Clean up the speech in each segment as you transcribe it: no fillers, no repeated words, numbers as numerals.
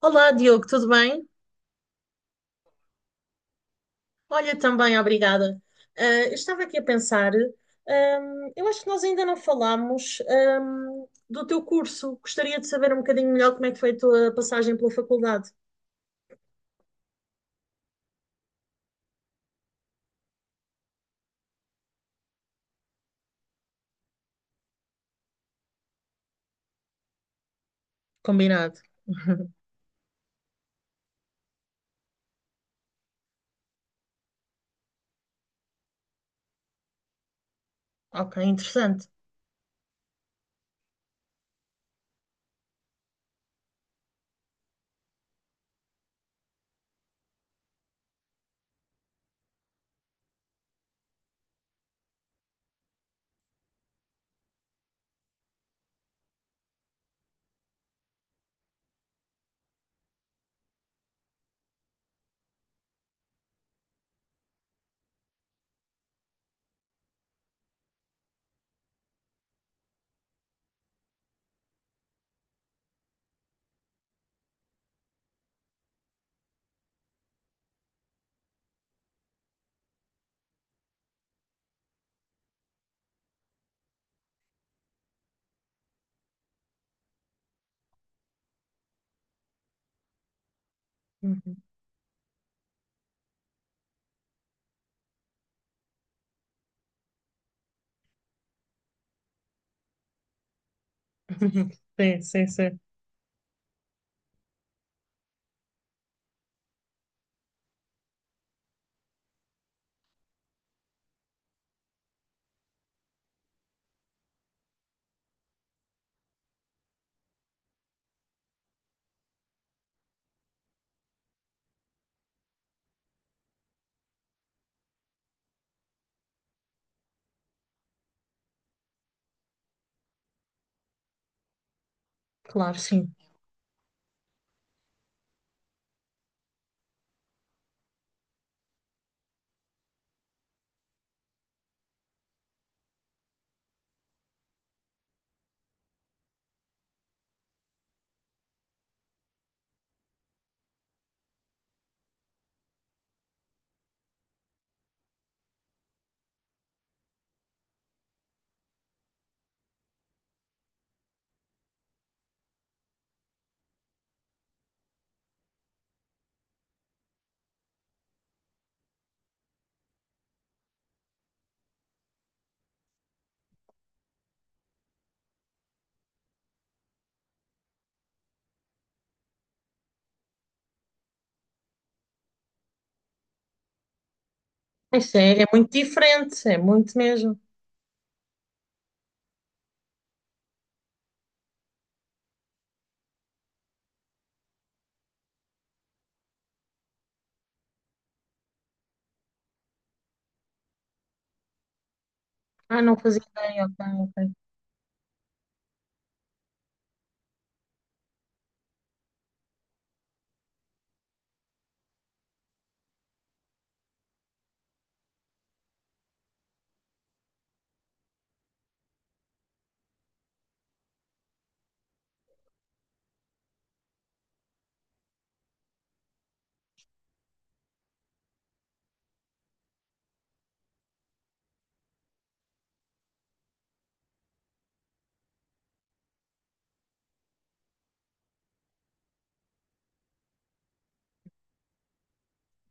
Olá, Diogo, tudo bem? Olha, também, obrigada. Eu estava aqui a pensar, eu acho que nós ainda não falámos, do teu curso. Gostaria de saber um bocadinho melhor como é que foi a tua passagem pela faculdade. Combinado. Ok, interessante. Uhum. Sim, sim, sim. Claro, sim. Isso é, é muito diferente, é muito mesmo. Ah, não fazia ideia, ok, ok.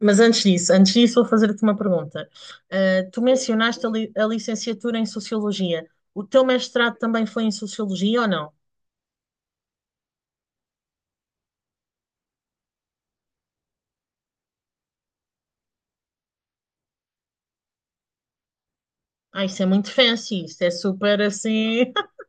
Mas antes disso, vou fazer-te uma pergunta. Ah, tu mencionaste a, a licenciatura em Sociologia. O teu mestrado também foi em Sociologia ou não? Ah, isso é muito fancy, isso é super assim.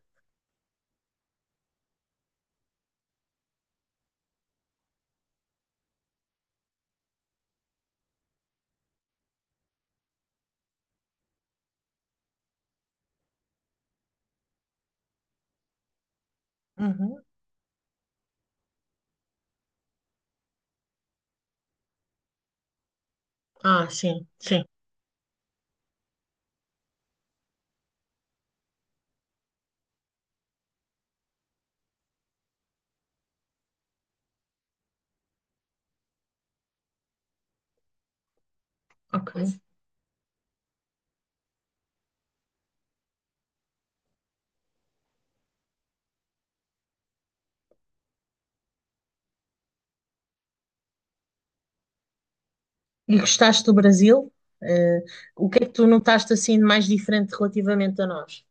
Uhum. Ah, sim, sim, ok. E gostaste do Brasil? Eh, o que é que tu notaste assim de mais diferente relativamente a nós?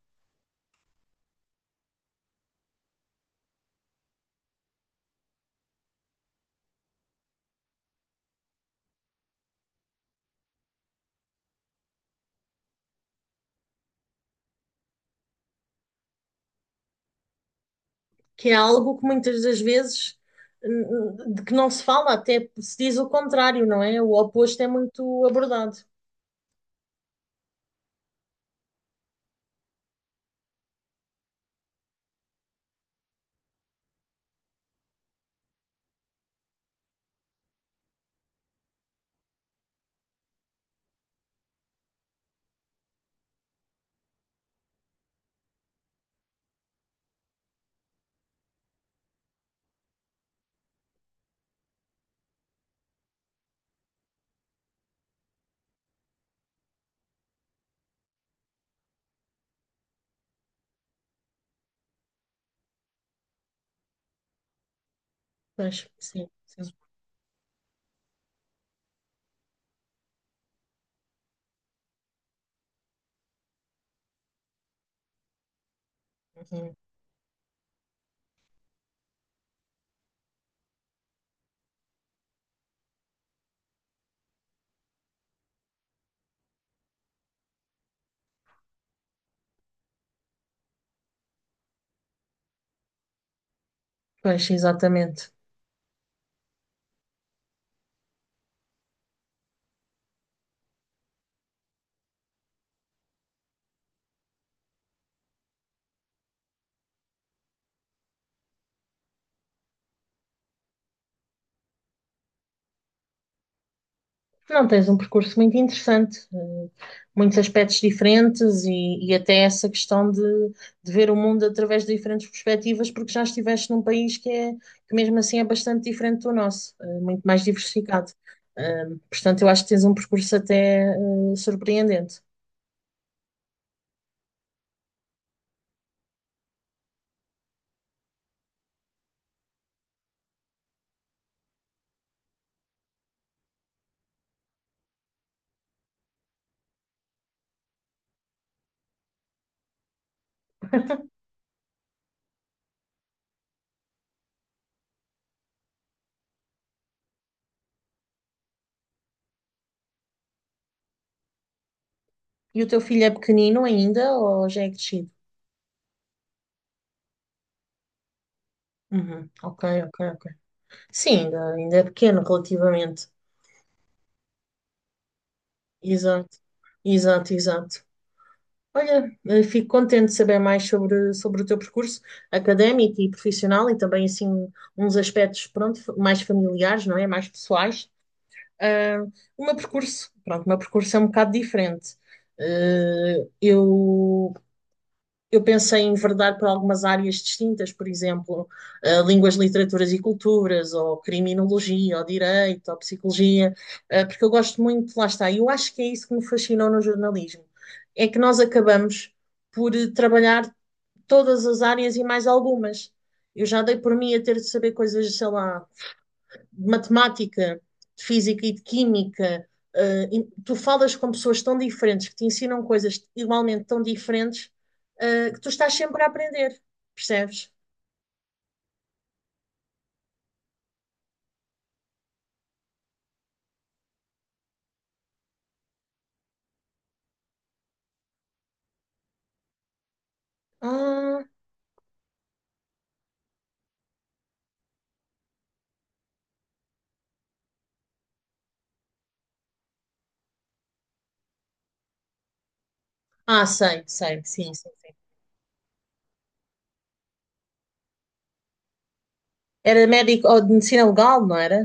Que é algo que muitas das vezes n- de que não se fala, até se diz o contrário, não é? O oposto é muito abordado. Pois, sim, sim. Uhum. Pois, exatamente. Não, tens um percurso muito interessante, eh, muitos aspectos diferentes e até essa questão de ver o mundo através de diferentes perspectivas, porque já estiveste num país que é, que mesmo assim é bastante diferente do nosso, eh, muito mais diversificado. Eh, Portanto, eu acho que tens um percurso até, eh, surpreendente. E o teu filho é pequenino ainda ou já é crescido? Uhum. Ok, ok, ok. Sim, ainda, ainda é pequeno relativamente. Exato, exato, exato. Olha, eh, fico contente de saber mais sobre, sobre o teu percurso académico e profissional e também assim uns aspectos pronto, mais familiares, não é? Mais pessoais. Ah, o meu percurso, pronto, o meu percurso é um bocado diferente. Eu eu pensei em enverdar para algumas áreas distintas, por exemplo, línguas, literaturas e culturas, ou criminologia, ou direito, ou psicologia, porque eu gosto muito, lá está, e eu acho que é isso que me fascinou no jornalismo, é que nós acabamos por trabalhar todas as áreas e mais algumas. Eu já dei por mim a ter de saber coisas, sei lá, de matemática, de física e de química, eh, tu falas com pessoas tão diferentes que te ensinam coisas igualmente tão diferentes, que tu estás sempre a aprender, percebes? Ah, ah, sei, sei, sim, sim, sim. Era médico ou de medicina legal, não era?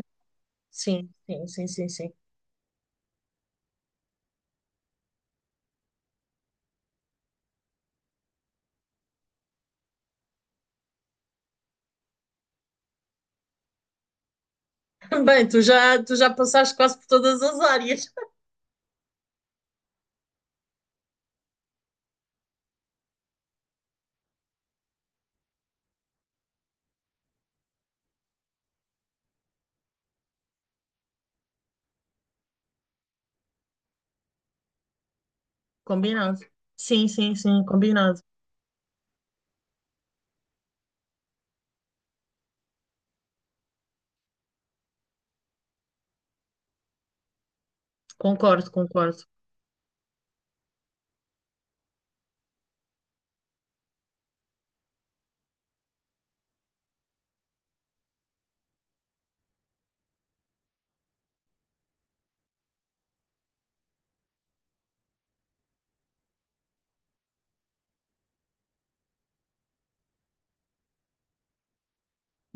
Sim, sim, sim, sim, sim. Bem, tu já passaste quase por todas as áreas. Combinado. Sim, sim, sim, combinado. Concordo, concordo.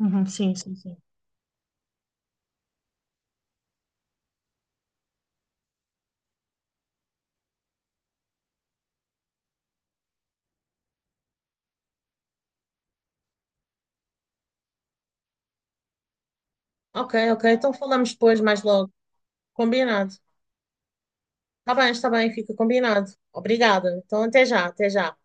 Uhum, sim, sim, sim. Ok, ok, então falamos depois, mais logo. Combinado. Tá bem, está bem, fica combinado. Obrigada. Então, até já, até já.